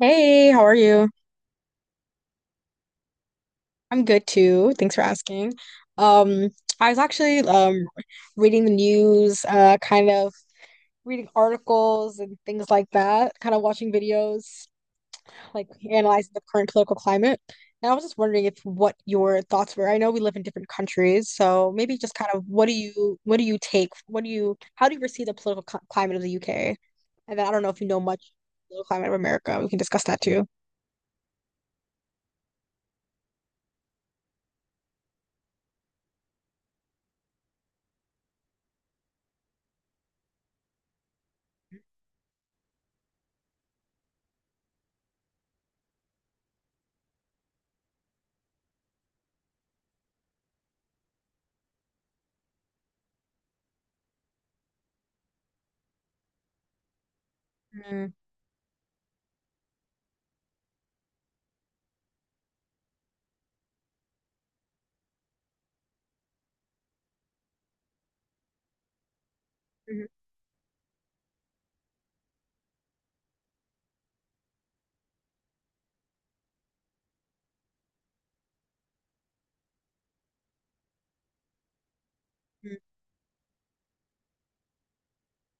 Hey, how are you? I'm good too. Thanks for asking. Um, I was actually reading the news, kind of reading articles and things like that, kind of watching videos, like analyzing the current political climate. And I was just wondering if what your thoughts were. I know we live in different countries, so maybe just kind of what do you take? What do you How do you perceive the political cl climate of the UK? And then I don't know if you know much about the political climate of America. We can discuss that too. Mm-hmm.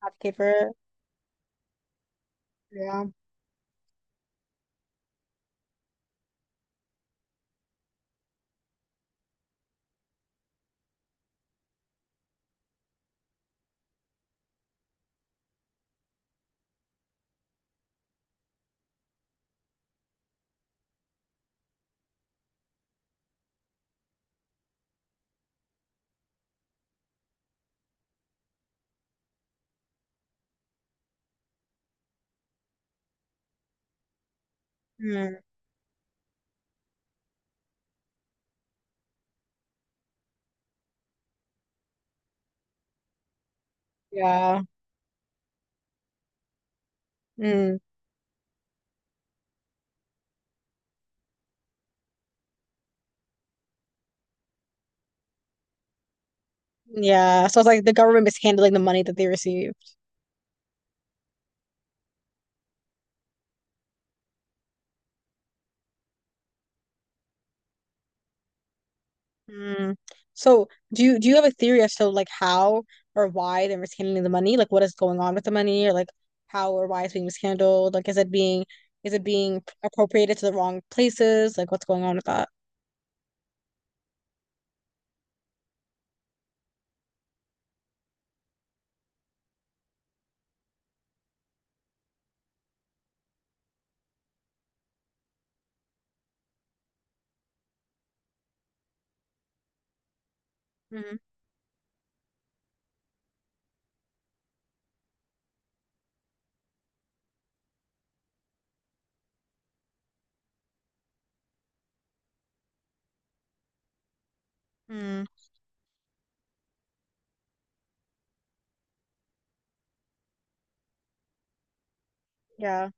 Advocate for it. Mm, yeah. Mm, yeah. So it's like the government mishandling the money that they receive. Mm. So do you have a theory as to like how or why they're mishandling the money? Like what is going on with the money or like how or why it's being mishandled? Like is it being appropriated to the wrong places? Like what's going on with that? Mm, mm, yeah.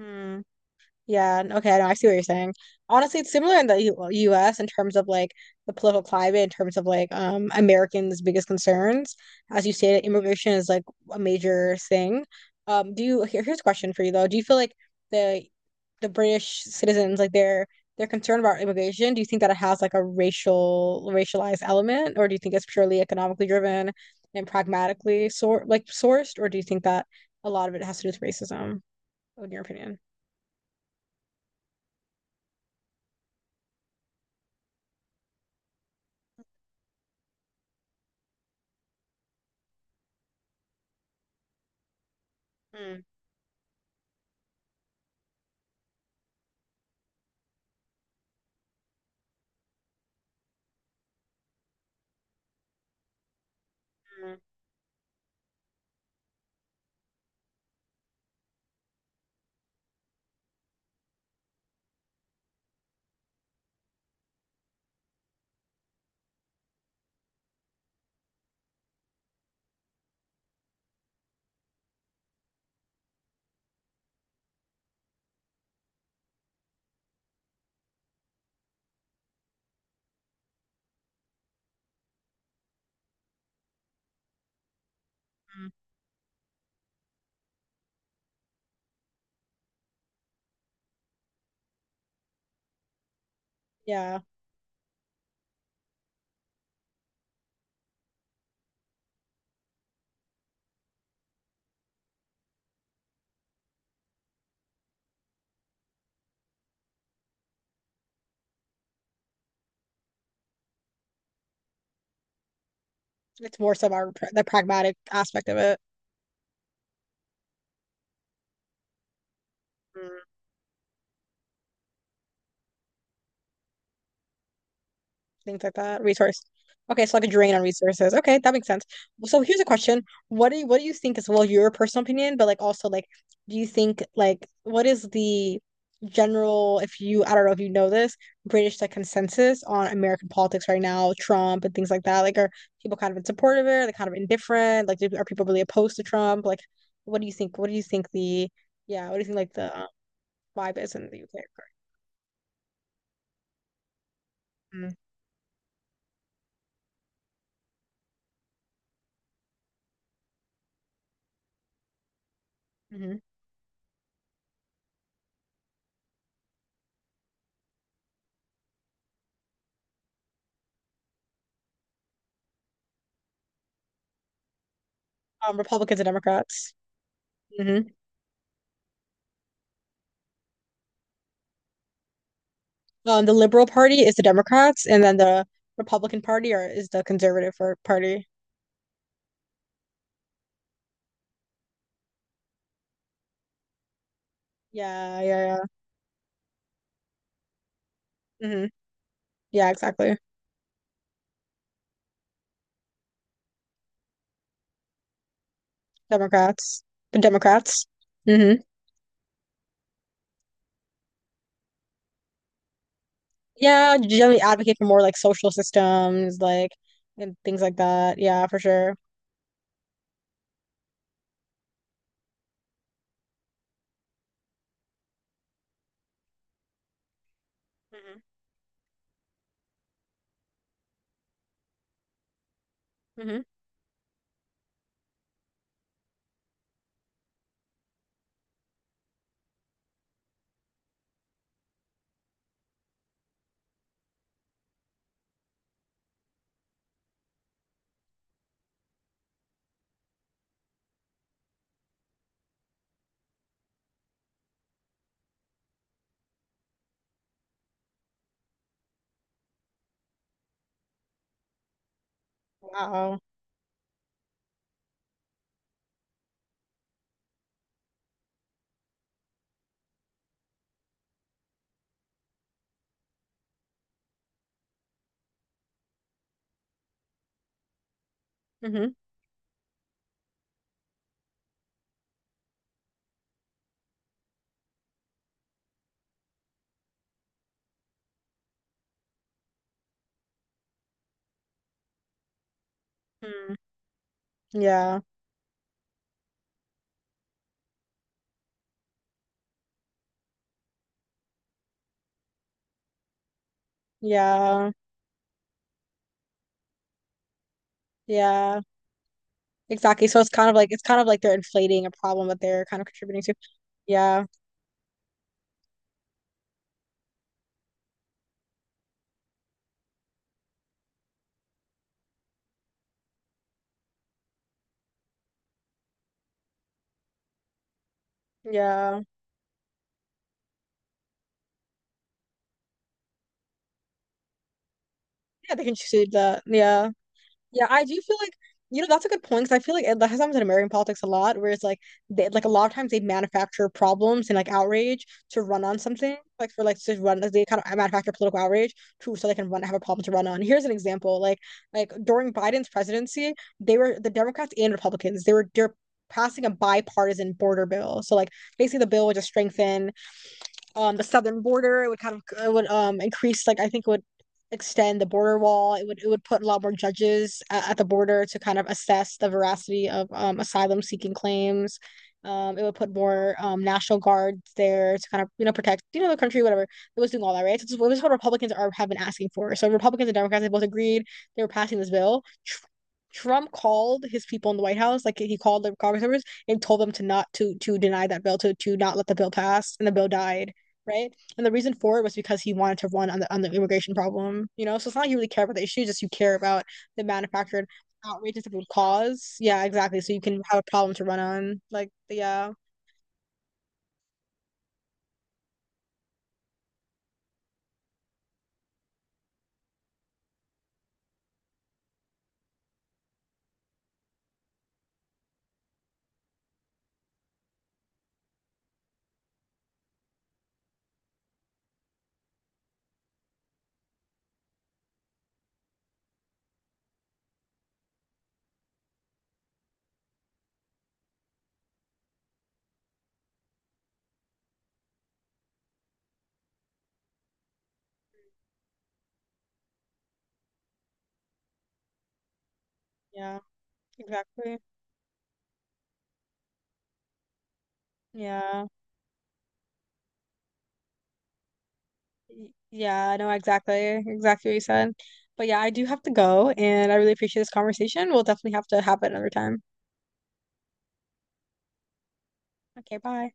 Mm. Yeah, okay, no, I see what you're saying. Honestly, it's similar in the U US in terms of like the political climate, in terms of like Americans' biggest concerns. As you stated, immigration is like a major thing. Do you here, here's a question for you though. Do you feel like the the British citizens, like they're concerned about immigration? Do you think that it has like a racialized element, or do you think it's purely economically driven and pragmatically sort like sourced, or do you think that a lot of it has to do with racism, in your opinion? Mm. Yeah, it's more so about the pragmatic aspect of it. Mm. Things like that. Resource. Okay, so like a drain on resources. Okay, that makes sense. So here's a question: what do you think is well your personal opinion, but like also like, do you think like what is the general if you I don't know if you know this British like consensus on American politics right now, Trump and things like that? Like, are people kind of in support of it? Are they kind of indifferent? Like, are people really opposed to Trump? Like, what do you think? What do you think the yeah? What do you think like the vibe is in the UK? Mhm, mhm. Republicans and Democrats. Hmm. The Liberal Party is the Democrats, and then the Republican Party or is the Conservative Party. Yeah, yeah, yeah. Hmm. Yeah, exactly. Democrats, the Democrats. Hmm. Yeah, generally advocate for more like social systems, like and things like that. Yeah, for sure. Hmm. Hmm. Wow. Hmm. Hmm. Yeah, yeah, yeah. Exactly. So it's kind of like they're inflating a problem that they're kind of contributing to. Yeah. Yeah. Yeah, they can choose that. Yeah. Yeah, I do feel like, you know, that's a good point because I feel like that has happened in American politics a lot, where it's like they like a lot of times they manufacture problems and like outrage to run on something, like for like to run like, they kind of manufacture political outrage to so they can run have a problem to run on. Here's an example. Like during Biden's presidency, the Democrats and Republicans, they're passing a bipartisan border bill. So like basically the bill would just strengthen the southern border. It would kind of it would increase like I think it would extend the border wall. It would put a lot more judges at the border to kind of assess the veracity of asylum seeking claims. It would put more national guards there to kind of you know protect you know the country whatever. It was doing all that right. So this is what Republicans are have been asking for. So Republicans and Democrats they both agreed they were passing this bill. Trump called his people in the White House, like he called the Congress members and told them to not to to deny that bill, to not let the bill pass, and the bill died right? And the reason for it was because he wanted to run on the immigration problem, you know. So it's not like you really care about the issue, just you care about the manufactured outrageous it would cause. Yeah, exactly. So you can have a problem to run on. Like yeah, exactly. Yeah. Yeah, I know exactly what you said. But yeah, I do have to go and I really appreciate this conversation. We'll definitely have to have it another time. Okay, bye.